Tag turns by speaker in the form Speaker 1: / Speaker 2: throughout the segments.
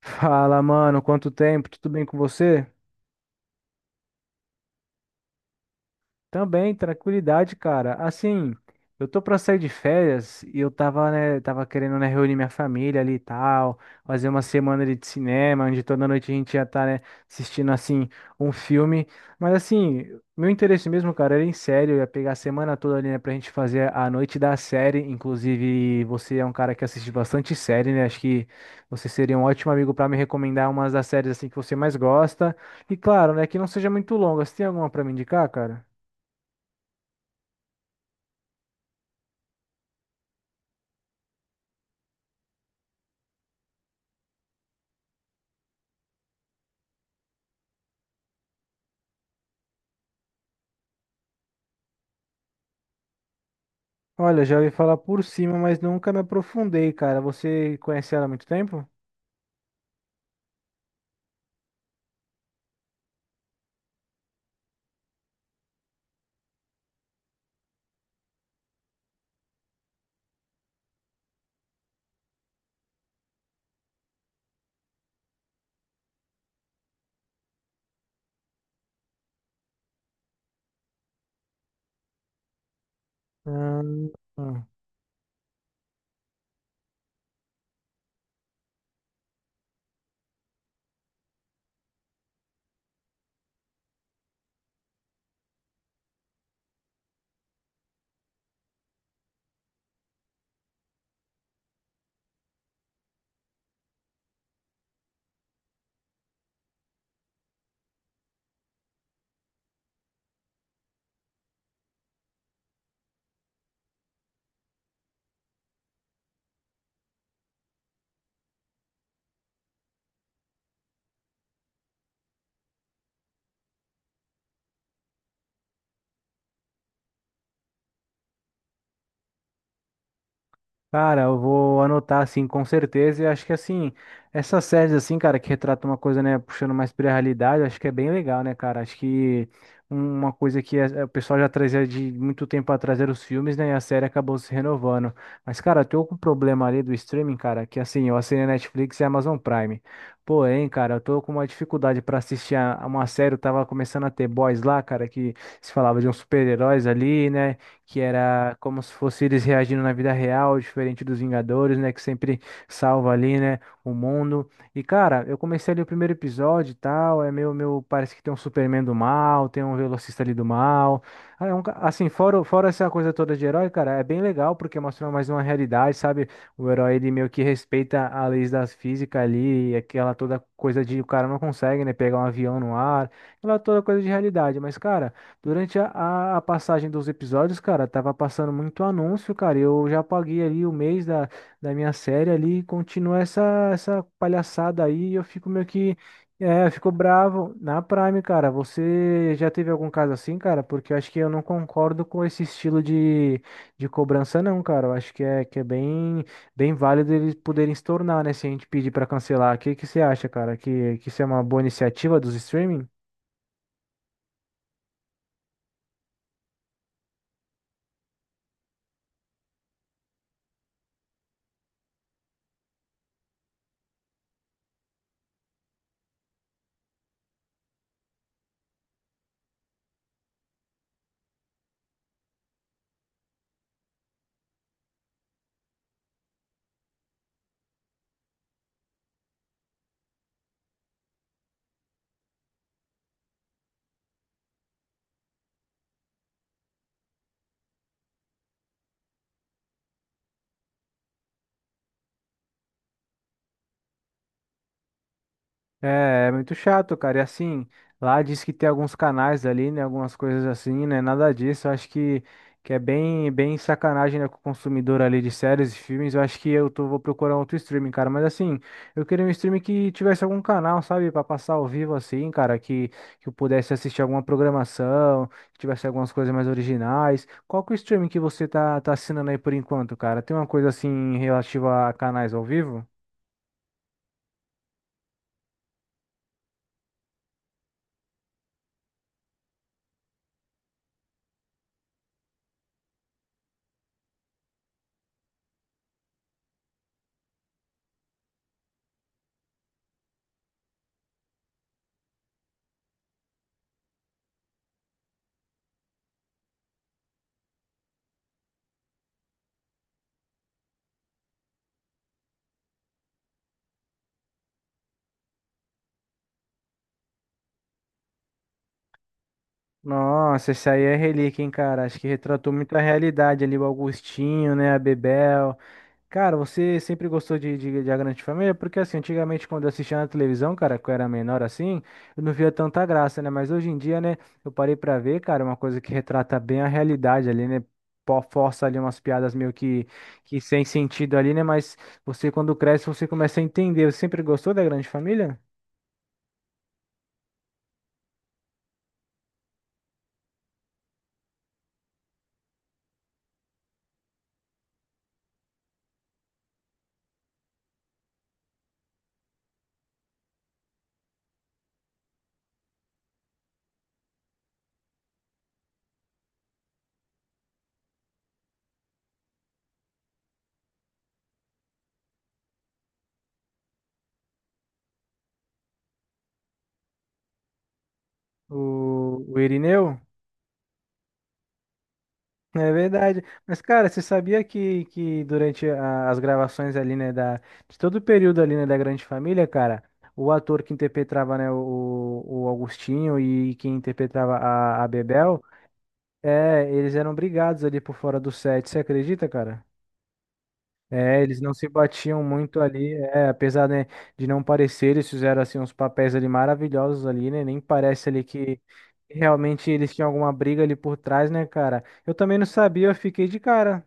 Speaker 1: Fala, mano, quanto tempo? Tudo bem com você? Também, tranquilidade, cara. Assim, eu tô pra sair de férias e eu tava, né, tava querendo, né, reunir minha família ali e tal, fazer uma semana ali de cinema, onde toda noite a gente ia estar, né, assistindo, assim, um filme. Mas, assim, meu interesse mesmo, cara, era em série, eu ia pegar a semana toda ali, né, pra gente fazer a noite da série. Inclusive, você é um cara que assiste bastante série, né, acho que você seria um ótimo amigo pra me recomendar umas das séries, assim, que você mais gosta. E, claro, né, que não seja muito longa. Você tem alguma pra me indicar, cara? Olha, já ouvi falar por cima, mas nunca me aprofundei, cara. Você conhece ela há muito tempo? Ah, Cara, eu vou anotar assim com certeza. E acho que assim, essas séries assim, cara, que retratam uma coisa, né, puxando mais pra realidade, acho que é bem legal, né, cara? Acho que uma coisa que é, o pessoal já trazia de muito tempo atrás era os filmes, né, e a série acabou se renovando. Mas, cara, eu tô com um problema ali do streaming, cara, que assim, eu assinei Netflix e Amazon Prime. Porém, cara, eu tô com uma dificuldade pra assistir a uma série, eu tava começando a ter Boys lá, cara, que se falava de uns super-heróis ali, né? Que era como se fosse eles reagindo na vida real, diferente dos Vingadores, né, que sempre salva ali, né, o mundo. E cara, eu comecei ali o primeiro episódio e tal, é meio, meu, parece que tem um Superman do mal, tem um velocista ali do mal. Ah, é um assim, fora, fora essa coisa toda de herói, cara, é bem legal porque mostra mais uma realidade, sabe? O herói, ele meio que respeita as leis da física ali, e aquela toda coisa de o cara não consegue, né, pegar um avião no ar, aquela toda coisa de realidade, mas cara, durante a passagem dos episódios, cara, tava passando muito anúncio, cara. Eu já paguei ali o mês da, da minha série ali e continua essa, essa palhaçada aí. Eu fico meio que. É, ficou bravo. Na Prime, cara, você já teve algum caso assim, cara? Porque eu acho que eu não concordo com esse estilo de cobrança, não, cara. Eu acho que é bem, bem válido eles poderem se tornar, né? Se a gente pedir pra cancelar. O que que você acha, cara? Que isso é uma boa iniciativa dos streamings? É, é muito chato, cara. E assim, lá diz que tem alguns canais ali, né? Algumas coisas assim, né? Nada disso. Eu acho que é bem, bem sacanagem, né, com o consumidor ali de séries e filmes. Eu acho que eu tô, vou procurar outro streaming, cara. Mas assim, eu queria um streaming que tivesse algum canal, sabe? Pra passar ao vivo, assim, cara. Que eu pudesse assistir alguma programação, que tivesse algumas coisas mais originais. Qual que é o streaming que você tá, tá assinando aí por enquanto, cara? Tem uma coisa assim relativa a canais ao vivo? Nossa, essa aí é relíquia, hein, cara? Acho que retratou muito a realidade ali, o Augustinho, né, a Bebel. Cara, você sempre gostou de A Grande Família? Porque, assim, antigamente quando eu assistia na televisão, cara, que eu era menor assim, eu não via tanta graça, né? Mas hoje em dia, né, eu parei pra ver, cara, uma coisa que retrata bem a realidade ali, né? Força ali umas piadas meio que sem sentido ali, né? Mas você, quando cresce, você começa a entender. Você sempre gostou da Grande Família? O Irineu? É verdade. Mas, cara, você sabia que durante as gravações ali, né, da, de todo o período ali, né, da Grande Família, cara, o ator que interpretava, né, o Agostinho e quem interpretava a Bebel, é, eles eram brigados ali por fora do set, você acredita, cara? É, eles não se batiam muito ali, é, apesar, né, de não parecer, eles fizeram, assim, uns papéis ali maravilhosos ali, né, nem parece ali que realmente eles tinham alguma briga ali por trás, né, cara? Eu também não sabia, eu fiquei de cara.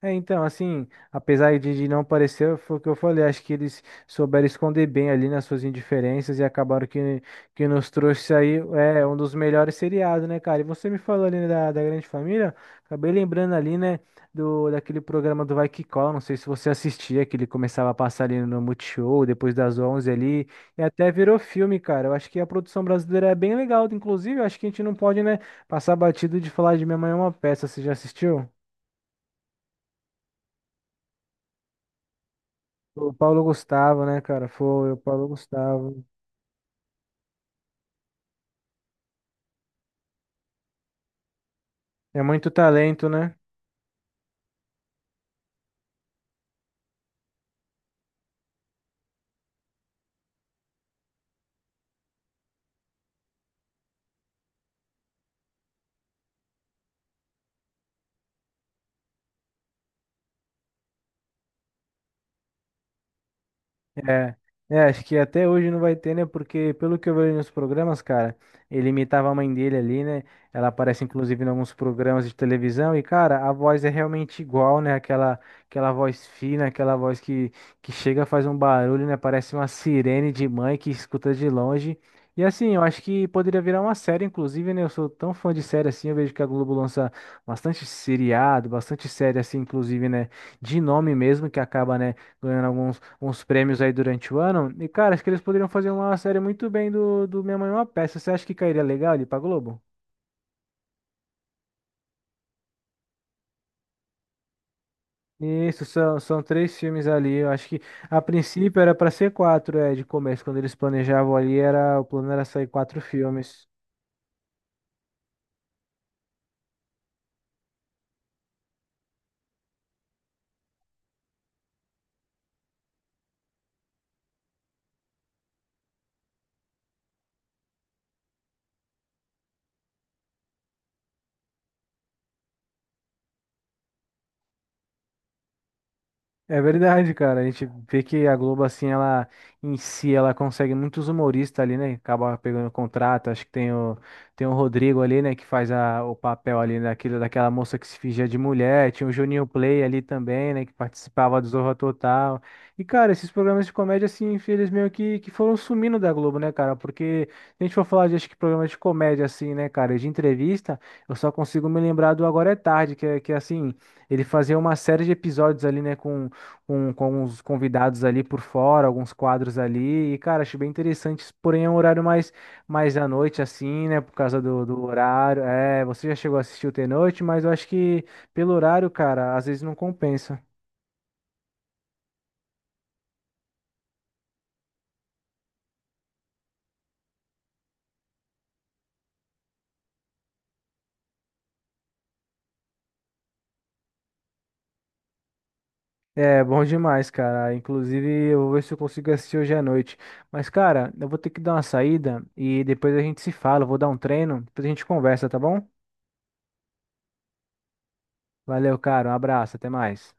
Speaker 1: É, então, assim, apesar de não parecer, foi o que eu falei, acho que eles souberam esconder bem ali nas suas indiferenças e acabaram que nos trouxe aí é, um dos melhores seriados, né, cara? E você me falou ali né, da, da Grande Família, acabei lembrando ali, né, do, daquele programa do Vai Que Cola, não sei se você assistia, que ele começava a passar ali no Multishow, depois das 11 ali, e até virou filme, cara. Eu acho que a produção brasileira é bem legal, inclusive, eu acho que a gente não pode, né, passar batido de falar de Minha Mãe é uma Peça, você já assistiu? O Paulo Gustavo, né, cara? Foi o Paulo Gustavo. É muito talento, né? É, é, acho que até hoje não vai ter, né? Porque pelo que eu vejo nos programas, cara, ele imitava a mãe dele ali, né? Ela aparece inclusive em alguns programas de televisão e, cara, a voz é realmente igual, né? Aquela, aquela voz fina, aquela voz que chega, faz um barulho, né? Parece uma sirene de mãe que escuta de longe. E assim, eu acho que poderia virar uma série, inclusive, né? Eu sou tão fã de série assim, eu vejo que a Globo lança bastante seriado, bastante série assim, inclusive, né? De nome mesmo, que acaba, né? Ganhando alguns, alguns prêmios aí durante o ano. E, cara, acho que eles poderiam fazer uma série muito bem do, do Minha Mãe é uma Peça. Você acha que cairia legal ali pra Globo? Isso, são, são três filmes ali. Eu acho que a princípio era pra ser quatro, é, de começo. Quando eles planejavam ali, era, o plano era sair quatro filmes. É verdade, cara. A gente vê que a Globo, assim, ela em si, ela consegue muitos humoristas ali, né? Acaba pegando contrato. Acho que tem o, tem o Rodrigo ali, né? Que faz a, o papel ali daquilo, daquela moça que se fingia de mulher. Tinha o Juninho Play ali também, né? Que participava do Zorra Total. E, cara, esses programas de comédia, assim, eles meio que foram sumindo da Globo, né, cara? Porque se a gente for falar de, acho que, programas de comédia, assim, né, cara? De entrevista, eu só consigo me lembrar do Agora é Tarde, que, que é, assim, ele fazia uma série de episódios ali, né? Com os convidados ali por fora, alguns quadros ali. E, cara, achei bem interessante, porém é um horário mais, mais à noite, assim, né? Por causa do, do horário. É, você já chegou a assistir o T-Noite, mas eu acho que pelo horário, cara, às vezes não compensa. É, bom demais, cara. Inclusive, eu vou ver se eu consigo assistir hoje à noite. Mas, cara, eu vou ter que dar uma saída e depois a gente se fala. Eu vou dar um treino, depois a gente conversa, tá bom? Valeu, cara. Um abraço, até mais.